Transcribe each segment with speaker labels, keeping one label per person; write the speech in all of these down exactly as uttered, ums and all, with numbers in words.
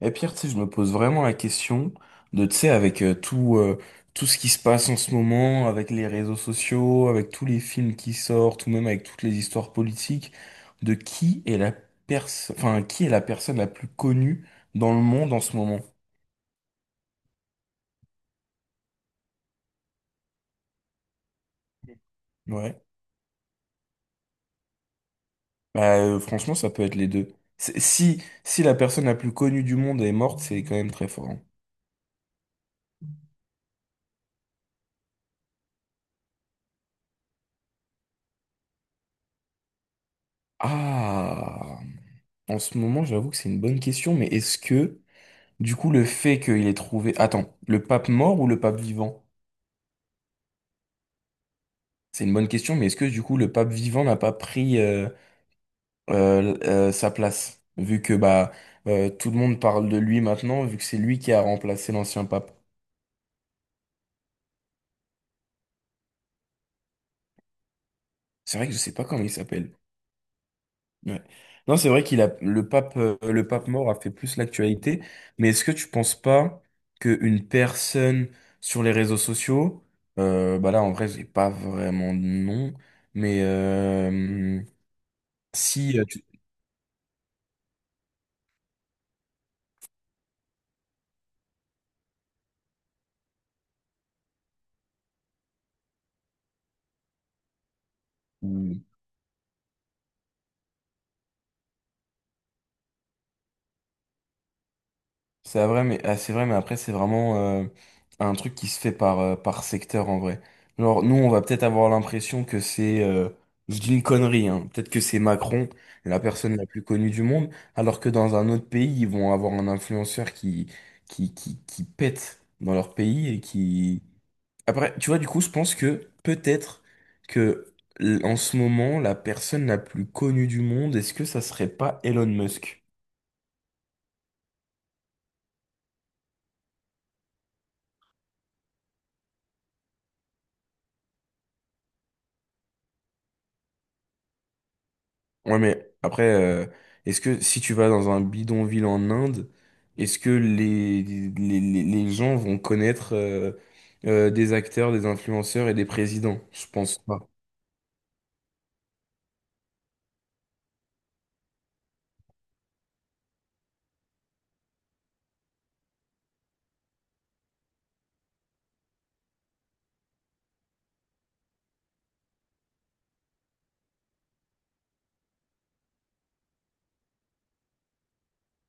Speaker 1: Et Pierre, tu sais, je me pose vraiment la question de, tu sais, avec euh, tout, euh, tout ce qui se passe en ce moment, avec les réseaux sociaux, avec tous les films qui sortent, ou même avec toutes les histoires politiques, de qui est la personne, enfin, qui est la personne la plus connue dans le monde en ce moment? Ouais. Bah, euh, franchement, ça peut être les deux. C'est- Si, si la personne la plus connue du monde est morte, c'est quand même très fort, hein. Ah, en ce moment, j'avoue que c'est une bonne question, mais est-ce que... Du coup, le fait qu'il ait trouvé... Attends, le pape mort ou le pape vivant? C'est une bonne question, mais est-ce que du coup le pape vivant n'a pas pris euh, euh, euh, sa place? Vu que bah euh, tout le monde parle de lui maintenant, vu que c'est lui qui a remplacé l'ancien pape. C'est vrai que je sais pas comment il s'appelle. Ouais. Non, c'est vrai qu'il a le pape euh, le pape mort a fait plus l'actualité, mais est-ce que tu penses pas qu'une personne sur les réseaux sociaux, euh, bah là en vrai j'ai pas vraiment de nom, mais euh, Si, euh, tu- Mm. C'est vrai, mais ah, c'est vrai, mais après c'est vraiment euh, un truc qui se fait par euh, par secteur en vrai. Genre nous, on va peut-être avoir l'impression que c'est, euh, je dis une connerie, hein, peut-être que c'est Macron, la personne la plus connue du monde, alors que dans un autre pays, ils vont avoir un influenceur qui qui qui, qui pète dans leur pays et qui. Après, tu vois, du coup, je pense que peut-être que l- en ce moment, la personne la plus connue du monde, est-ce que ça serait pas Elon Musk? Ouais, mais après, euh, est-ce que si tu vas dans un bidonville en Inde, est-ce que les, les, les- les gens vont connaître euh, euh, des acteurs, des influenceurs et des présidents? Je pense pas.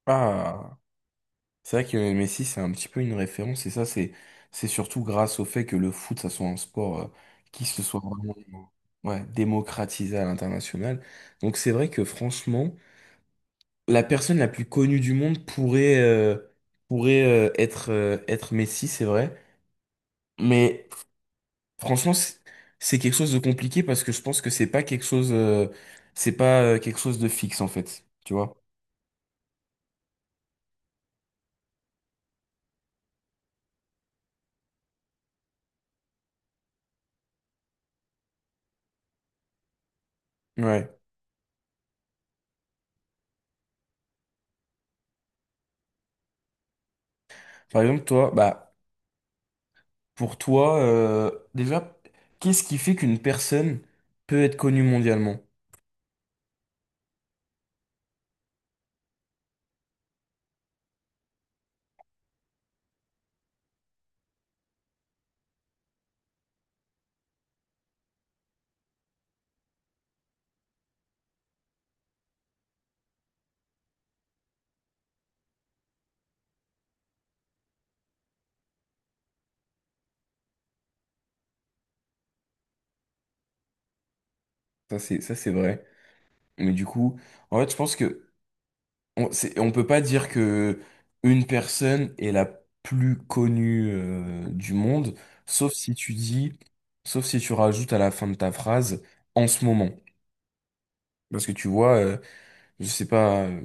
Speaker 1: Ah, c'est vrai que Messi, c'est un petit peu une référence, et ça, c'est, c'est surtout grâce au fait que le foot, ça soit un sport euh, qui se soit vraiment, ouais, démocratisé à l'international. Donc c'est vrai que franchement, la personne la plus connue du monde pourrait, euh, pourrait euh, être, euh, être Messi, c'est vrai. Mais franchement, c'est c'est quelque chose de compliqué parce que je pense que c'est pas quelque chose, euh, c'est pas euh, quelque chose de fixe en fait, tu vois. Ouais. Par exemple, toi, bah, pour toi, euh, déjà, qu'est-ce qui fait qu'une personne peut être connue mondialement? Ça, c'est, ça, c'est vrai. Mais du coup, en fait, je pense que on, c'est- on peut pas dire que une personne est la plus connue, euh, du monde, sauf si tu dis, sauf si tu rajoutes à la fin de ta phrase en ce moment. Parce que tu vois, euh, je sais pas, euh,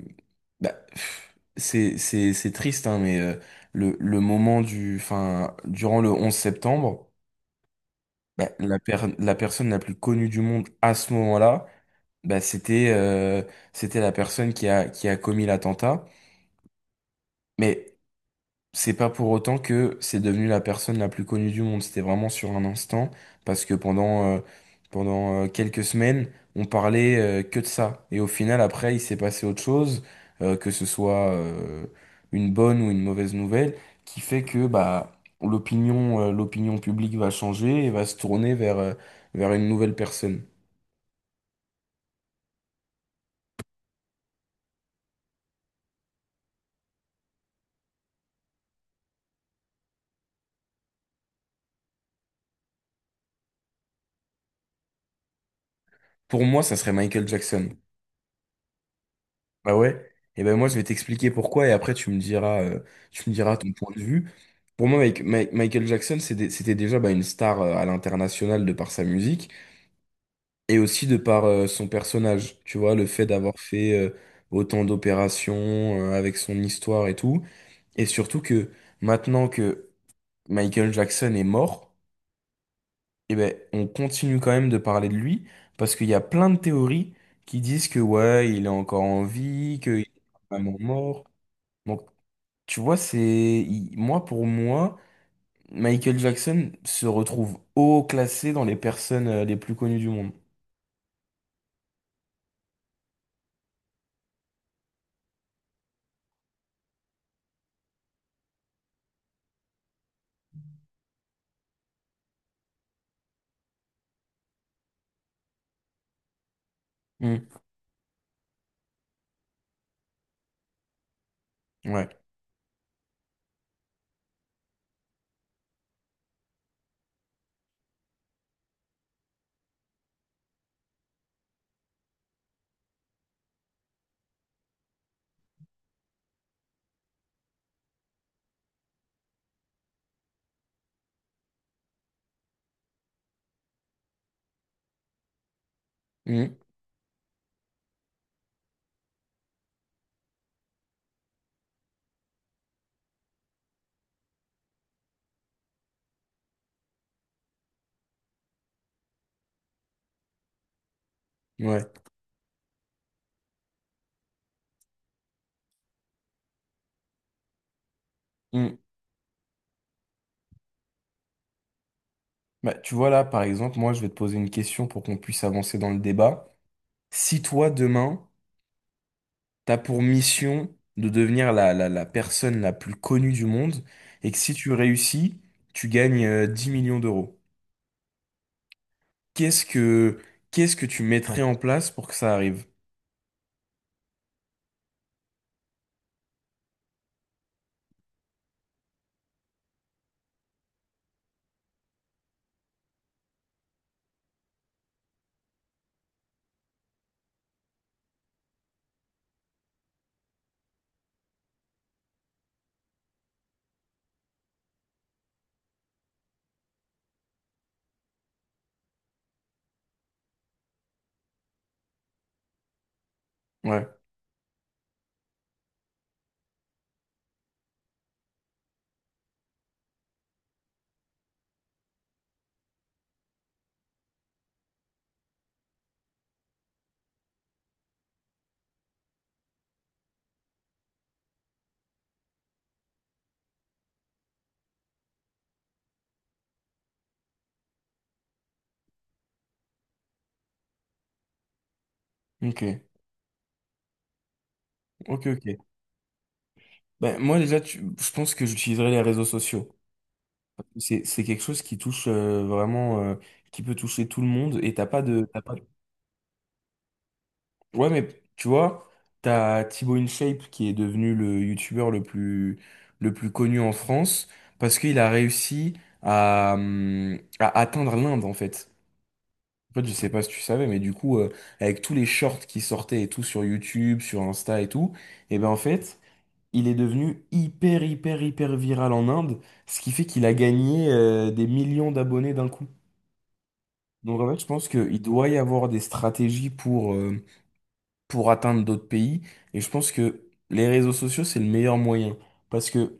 Speaker 1: bah, pff, c'est c'est c'est triste, hein, mais euh, le le moment du, enfin, durant le onze septembre, bah, la per- la personne la plus connue du monde à ce moment-là, bah, c'était euh, c'était la personne qui a qui a commis l'attentat. Mais c'est pas pour autant que c'est devenu la personne la plus connue du monde. C'était vraiment sur un instant, parce que pendant, euh, pendant euh, quelques semaines, on parlait euh, que de ça. Et au final, après, il s'est passé autre chose, euh, que ce soit euh, une bonne ou une mauvaise nouvelle, qui fait que bah l'opinion, euh, l'opinion publique va changer et va se tourner vers, euh, vers une nouvelle personne. Pour moi, ça serait Michael Jackson. Bah ouais. Et ben moi je vais t'expliquer pourquoi et après tu me diras euh, tu me diras ton point de vue. Pour moi Mike- Ma- Michael Jackson c'était c'était déjà bah, une star euh, à l'international de par sa musique et aussi de par euh, son personnage. Tu vois le fait d'avoir fait euh, autant d'opérations euh, avec son histoire et tout et surtout que maintenant que Michael Jackson est mort, et ben on continue quand même de parler de lui parce qu'il y a plein de théories qui disent que ouais il est encore en vie, qu'il est vraiment mort. Tu vois, c'est il- moi pour moi, Michael Jackson se retrouve haut classé dans les personnes euh, les plus connues du monde. Mm. Ouais. Mm. Ouais. Mm. Bah, tu vois là, par exemple, moi je vais te poser une question pour qu'on puisse avancer dans le débat. Si toi demain, t'as pour mission de devenir la, la, la personne la plus connue du monde et que si tu réussis, tu gagnes euh, dix millions d'euros. Qu'est-ce que qu'est-ce que tu mettrais en place pour que ça arrive? Ouais. Ok. Ok, ok. Ben, moi déjà, tu- je pense que j'utiliserai les réseaux sociaux. C'est c'est quelque chose qui touche euh, vraiment, euh, qui peut toucher tout le monde. Et t'as pas de, t'as pas de... Ouais, mais tu vois, t'as Thibaut InShape qui est devenu le youtubeur le plus, le plus connu en France parce qu'il a réussi à, hum, à atteindre l'Inde en fait. En fait, je sais pas si tu savais, mais du coup, euh, avec tous les shorts qui sortaient et tout sur YouTube, sur Insta et tout, et ben en fait, il est devenu hyper, hyper, hyper viral en Inde, ce qui fait qu'il a gagné euh, des millions d'abonnés d'un coup. Donc en fait, je pense qu'il doit y avoir des stratégies pour, euh, pour atteindre d'autres pays, et je pense que les réseaux sociaux, c'est le meilleur moyen. Parce que,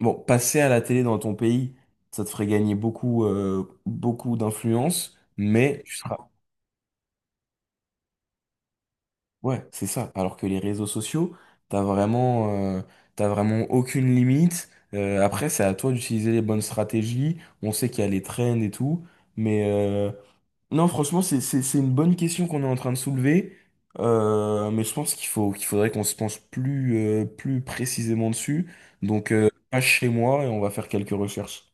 Speaker 1: bon, passer à la télé dans ton pays, ça te ferait gagner beaucoup, euh, beaucoup d'influence, mais tu seras... Ouais, c'est ça. Alors que les réseaux sociaux, t'as vraiment, euh, t'as vraiment aucune limite. Euh, après, c'est à toi d'utiliser les bonnes stratégies. On sait qu'il y a les trends et tout. Mais euh, non, franchement, c'est, c'est, c'est une bonne question qu'on est en train de soulever. Euh, mais je pense qu'il faut, qu'il faudrait qu'on se penche plus, euh, plus précisément dessus. Donc, euh, passe chez moi et on va faire quelques recherches.